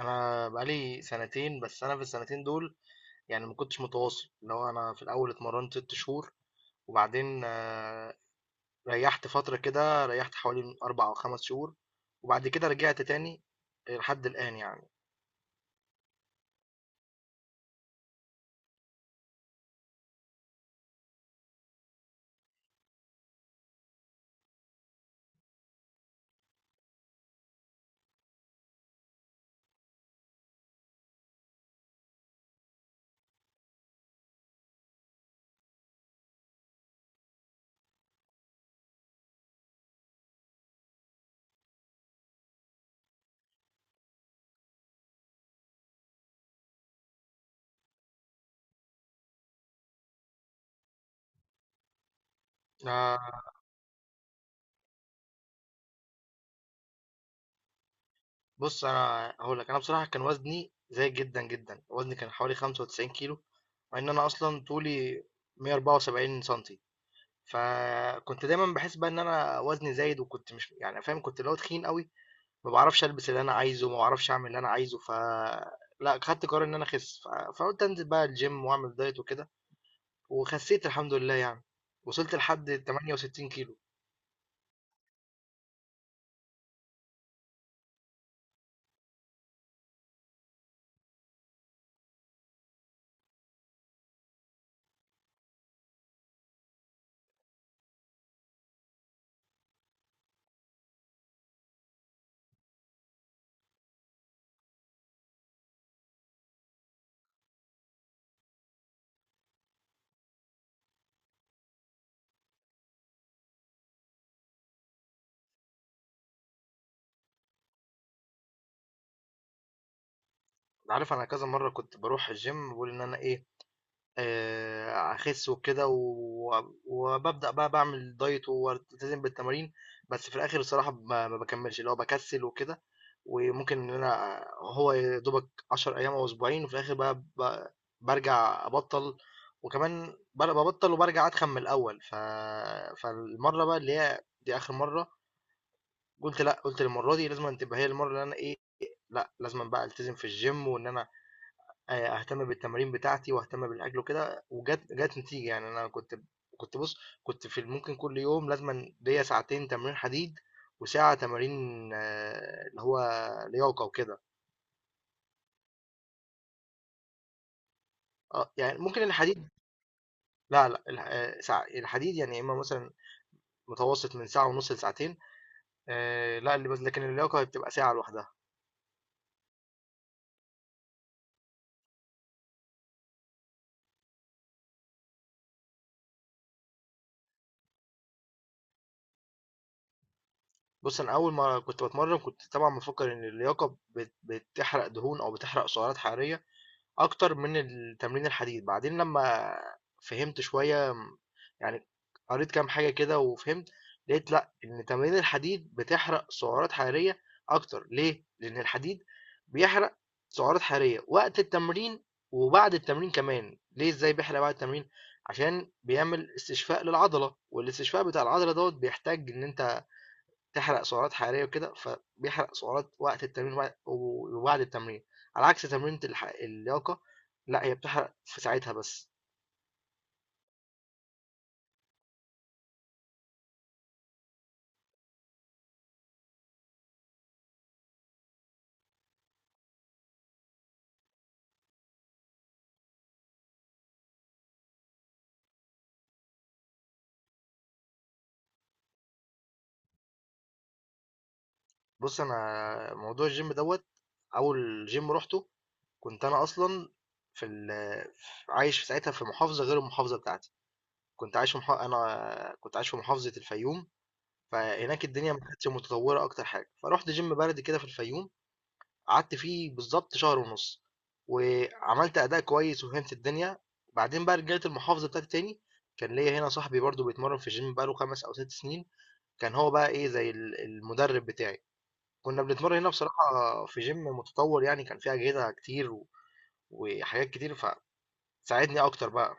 انا بقالي سنتين، بس انا في السنتين دول ما كنتش متواصل. اللي هو انا في الاول اتمرنت ست شهور وبعدين ريحت فترة كده، ريحت حوالي من اربع او خمس شهور، وبعد كده رجعت تاني لحد الان آه، بص، انا هقول لك، انا بصراحة كان وزني زايد جدا جدا. وزني كان حوالي 95 كيلو، مع ان انا اصلا طولي 174 سنتي. فكنت دايما بحس بقى ان انا وزني زايد، وكنت مش فاهم، كنت اللي هو تخين قوي. ما بعرفش البس اللي انا عايزه، ما بعرفش اعمل اللي انا عايزه، لا خدت قرار ان انا اخس، فقلت انزل بقى الجيم واعمل دايت وكده، وخسيت الحمد لله يعني، وصلت لحد 68 كيلو. عارف، انا كذا مره كنت بروح الجيم بقول ان انا ايه، أخس وكده، وبابدأ بقى باعمل دايت والتزم بالتمارين، بس في الآخر الصراحة ما باكمّلش، اللي هو باكسّل وكده، وممكن إن أنا هو يا دوبك 10 أيام أو أسبوعين، وفي الآخر بقى بارجع أبطّل، وكمان بابطّل وبارجع أتخن من الأول. فالمرّة بقى اللي هي دي آخر مرّة، قُلت لأ، قُلت المرّة دي لازمًا تبقى هي المرّة اللي أنا إيه، لأ لازمًا بقى ألتزم في الgym، وإن أنا أهتم بالتمارين بتاعتي وأهتم بالأكل وكده، جات نتيجة. يعني أنا كنت بُص، كنت في ممكن كل يوم لازمًا ليّا ساعتين تمرين حديد وساعة تمارين، اللي هو لياقة وكده. يعني ممكن الحديد إمم. لا، لأ، الحديد يعني يا إمّا مثلًا متوسط من ساعة ونُص لساعتين، لأ ال لكن اللياقة هي بتبقى ساعة لوحدها. بُص، أنا أول ما كنت باتمرّن كنت طبعًا مفكّر إن اللياقة بتحرق دهون أو بتحرق سعرات حرارية أكتر من التمرين الحديد. بعدين لما فهمت شوية يعني قريت كام حاجة كده وفهمت، لقيت لأ، إن تمارين الحديد بتحرق سعرات حرارية أكتر. ليه؟ لأن الحديد بيحرق سعرات حرارية وقت التمرين وبعد التمرين كمان. ليه، إزاي بيحرق بعد التمرين؟ عشان بيعمل استشفاء للعضلة، والاستشفاء بتاع العضلة دوت بيحتاج إن أنت تحرق سعرات حرارية وكده، فبيحرق سعرات وقت التمرين وبعد التمرين، على عكس تمرينة اللياقة، لأ، هي بتحرق في ساعتها بس. بُص، أنا موضوع الgym دوّة، أول gym رُحته كنت أنا أصلًا في ال ف عايش في ساعتها في محافظة غير المحافظة بتاعتي. كنت عايش في مح أنا كنت عايش في محافظة الفيوم. فهناك الدنيا ما كانتش متطورة أكتر حاجة، فرُحت gym بلدي كده في الفيوم. قعدت فيه بالضبط شهر ونُص، وعملت أداء كويس وفهمت الدنيا. بعدين بقى رجعت المحافظة بتاعتي تاني. كان ليّا هنا صاحبي برضه بيتمرّن في الgym بقى له 5 أو 6 سنين، كان هو بقى إيه زي المدرب بتاعي، كنا بنتمرّن هنا بصراحة في gym متطوّر، يعني كان فيه أجهزة كتير وحاجات كتير، فساعدني أكتر بقى.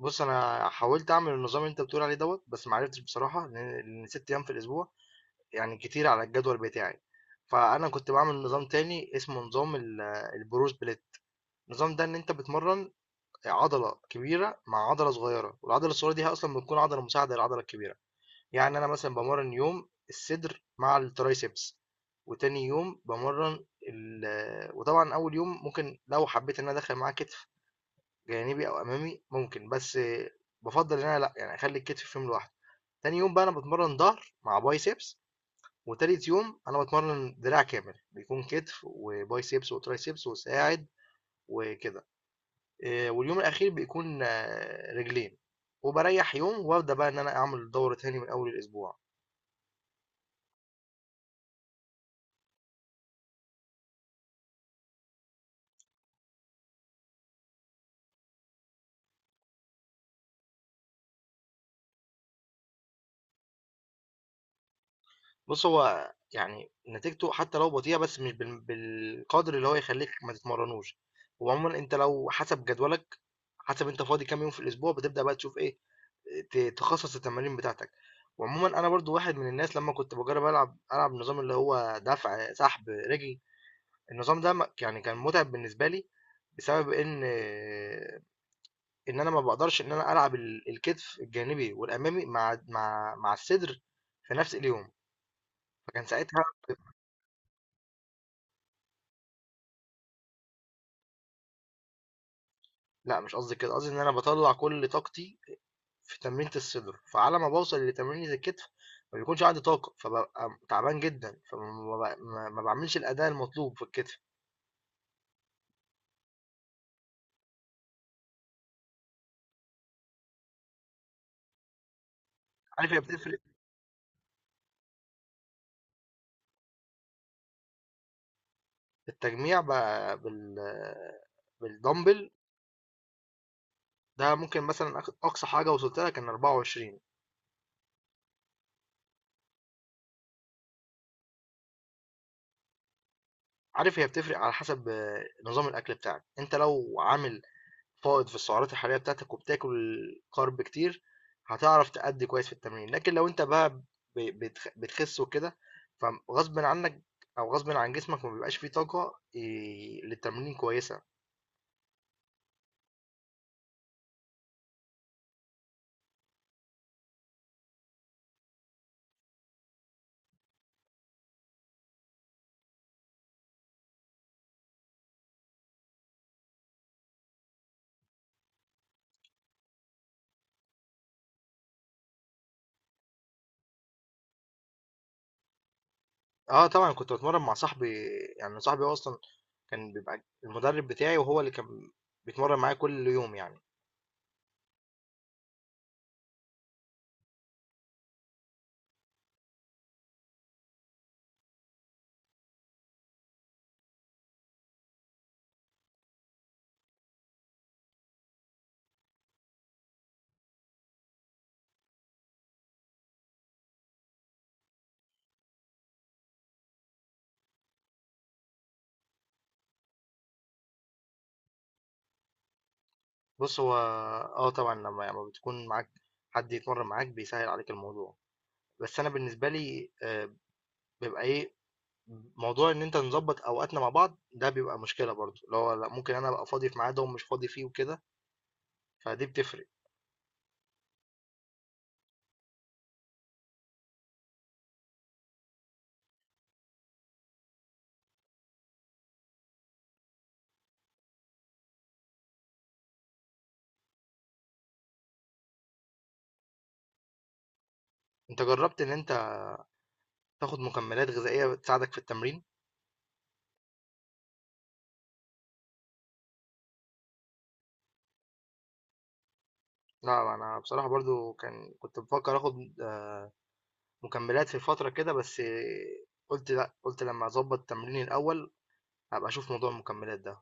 بُص، أنا حاولت أعمل النظام اللي أنت بتقول عليه دوّة، بس ما عرفتش بصراحة لإن 6 أيام في الأسبوع يعني كتير على الجدول بتاعي. فأنا كنت باعمل نظام تاني اسمه نظام ال الBruce Split. النظام ده ان انت بتمرن عضله كبيره مع عضله صغيره، والعضله الصغيره دي هي اصلا بتكون عضله مساعده للعضله الكبيره. يعني انا مثلا بمرن يوم الصدر مع الترايسبس، وتاني يوم بمرن ال آه، وطبعا اول يوم ممكن لو حبيت ان انا ادخل معاه كتف جانبي او امامي ممكن، بس بفضل ان انا لا يعني اخلي الكتف في يوم لوحده. تاني يوم بقى انا بتمرن ظهر مع بايسبس، وتالت يوم انا بتمرن دراع كامل، بيكون كتف وبايسبس وترايسبس وساعد وكده. واليوم الأخير بيكون رجلين، وبريح يوم وابدأ بقى إن أنا أعمل دورة تاني من أول الأسبوع. بص، هو يعني نتيجته حتى لو بطيئة، بس مش بالقدر اللي هو يخليك ما تتمرنوش. وعموما أنت لو حسب جدولك، حسب أنت فاضي كام يوم في الأسبوع، بتبدأ بقى تشوف إيه، تخصص التمارين بتاعتك. وعموما أنا برضو واحد من الناس، لما كنت بجرب ألعب نظام اللي هو دفع سحب رجل، النظام ده يعني كان متعب بالنسبة لي، بسبب إن أنا ما باقدرش إن أنا ألعب الكتف الجانبي والأمامي مع مع الصدر في نفس اليوم، فكان ساعتها. لأ مش قصدي كده، قصدي إن أنا باطلّع كل طاقتي في تمرينة الصدر، فعلى ما باوصل لتمرينة الكتف ما بيكونش عندي طاقة، فبابقى تعبان جدًا، فما ب ما ما باعملش الأداء المطلوب في الكتف. عارف، هي بتفرق. التجميع ب بال بالدمبل ده ممكن مثلًا آخد أقصى حاجة وصلت لها كان 24. عارف، هي بتفرق على حسب نظام الأكل بتاعك. أنت لو عامل فائض في السعرات الحرارية بتاعتك وبتاكل كارب كتير، هتعرف تأدي كويس في التمرين. لكن لو انت بقى بتخس وكده، فغصب عنك او غصب عن جسمك ما بيبقاش فيه طاقة إيه، للتمرين كويسة. اه طبعا، كنت بتمرن مع صاحبي، يعني صاحبي هو اصلا كان بيبقى المدرب بتاعي، وهو اللي كان بيتمرن معايا كل يوم يعني. بص هو اه طبعا، لما بتكون معاك حد يتمرن معاك بيسهل عليك الموضوع، بس انا بالنسبه لي بيبقى ايه، موضوع إن أنت نضبّط أوقاتنا مع بعض، ده بيبقى مشكلة برضه، اللي هو لأ، ممكن أنا أبقى فاضي في ميعاد وهو مش فاضي فيه وكده، فدي بتفرق. أنت جرّبت إن أنت تاخد مكملات غذائية تساعدك في التمرين؟ لأ، أنا بصراحة برضه كنت بافكّر آخد مكملات في فترة كده، بس قُلت لأ، قُلت لمّا أضبّط تمريني الأول، هابقى أشوف موضوع المكملات ده.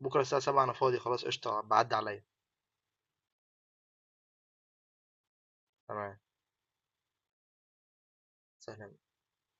بُكرة الساعة 07:00 أنا فاضي خلاص قشطة، ابقى عدّي عليّا. تمام، سلام.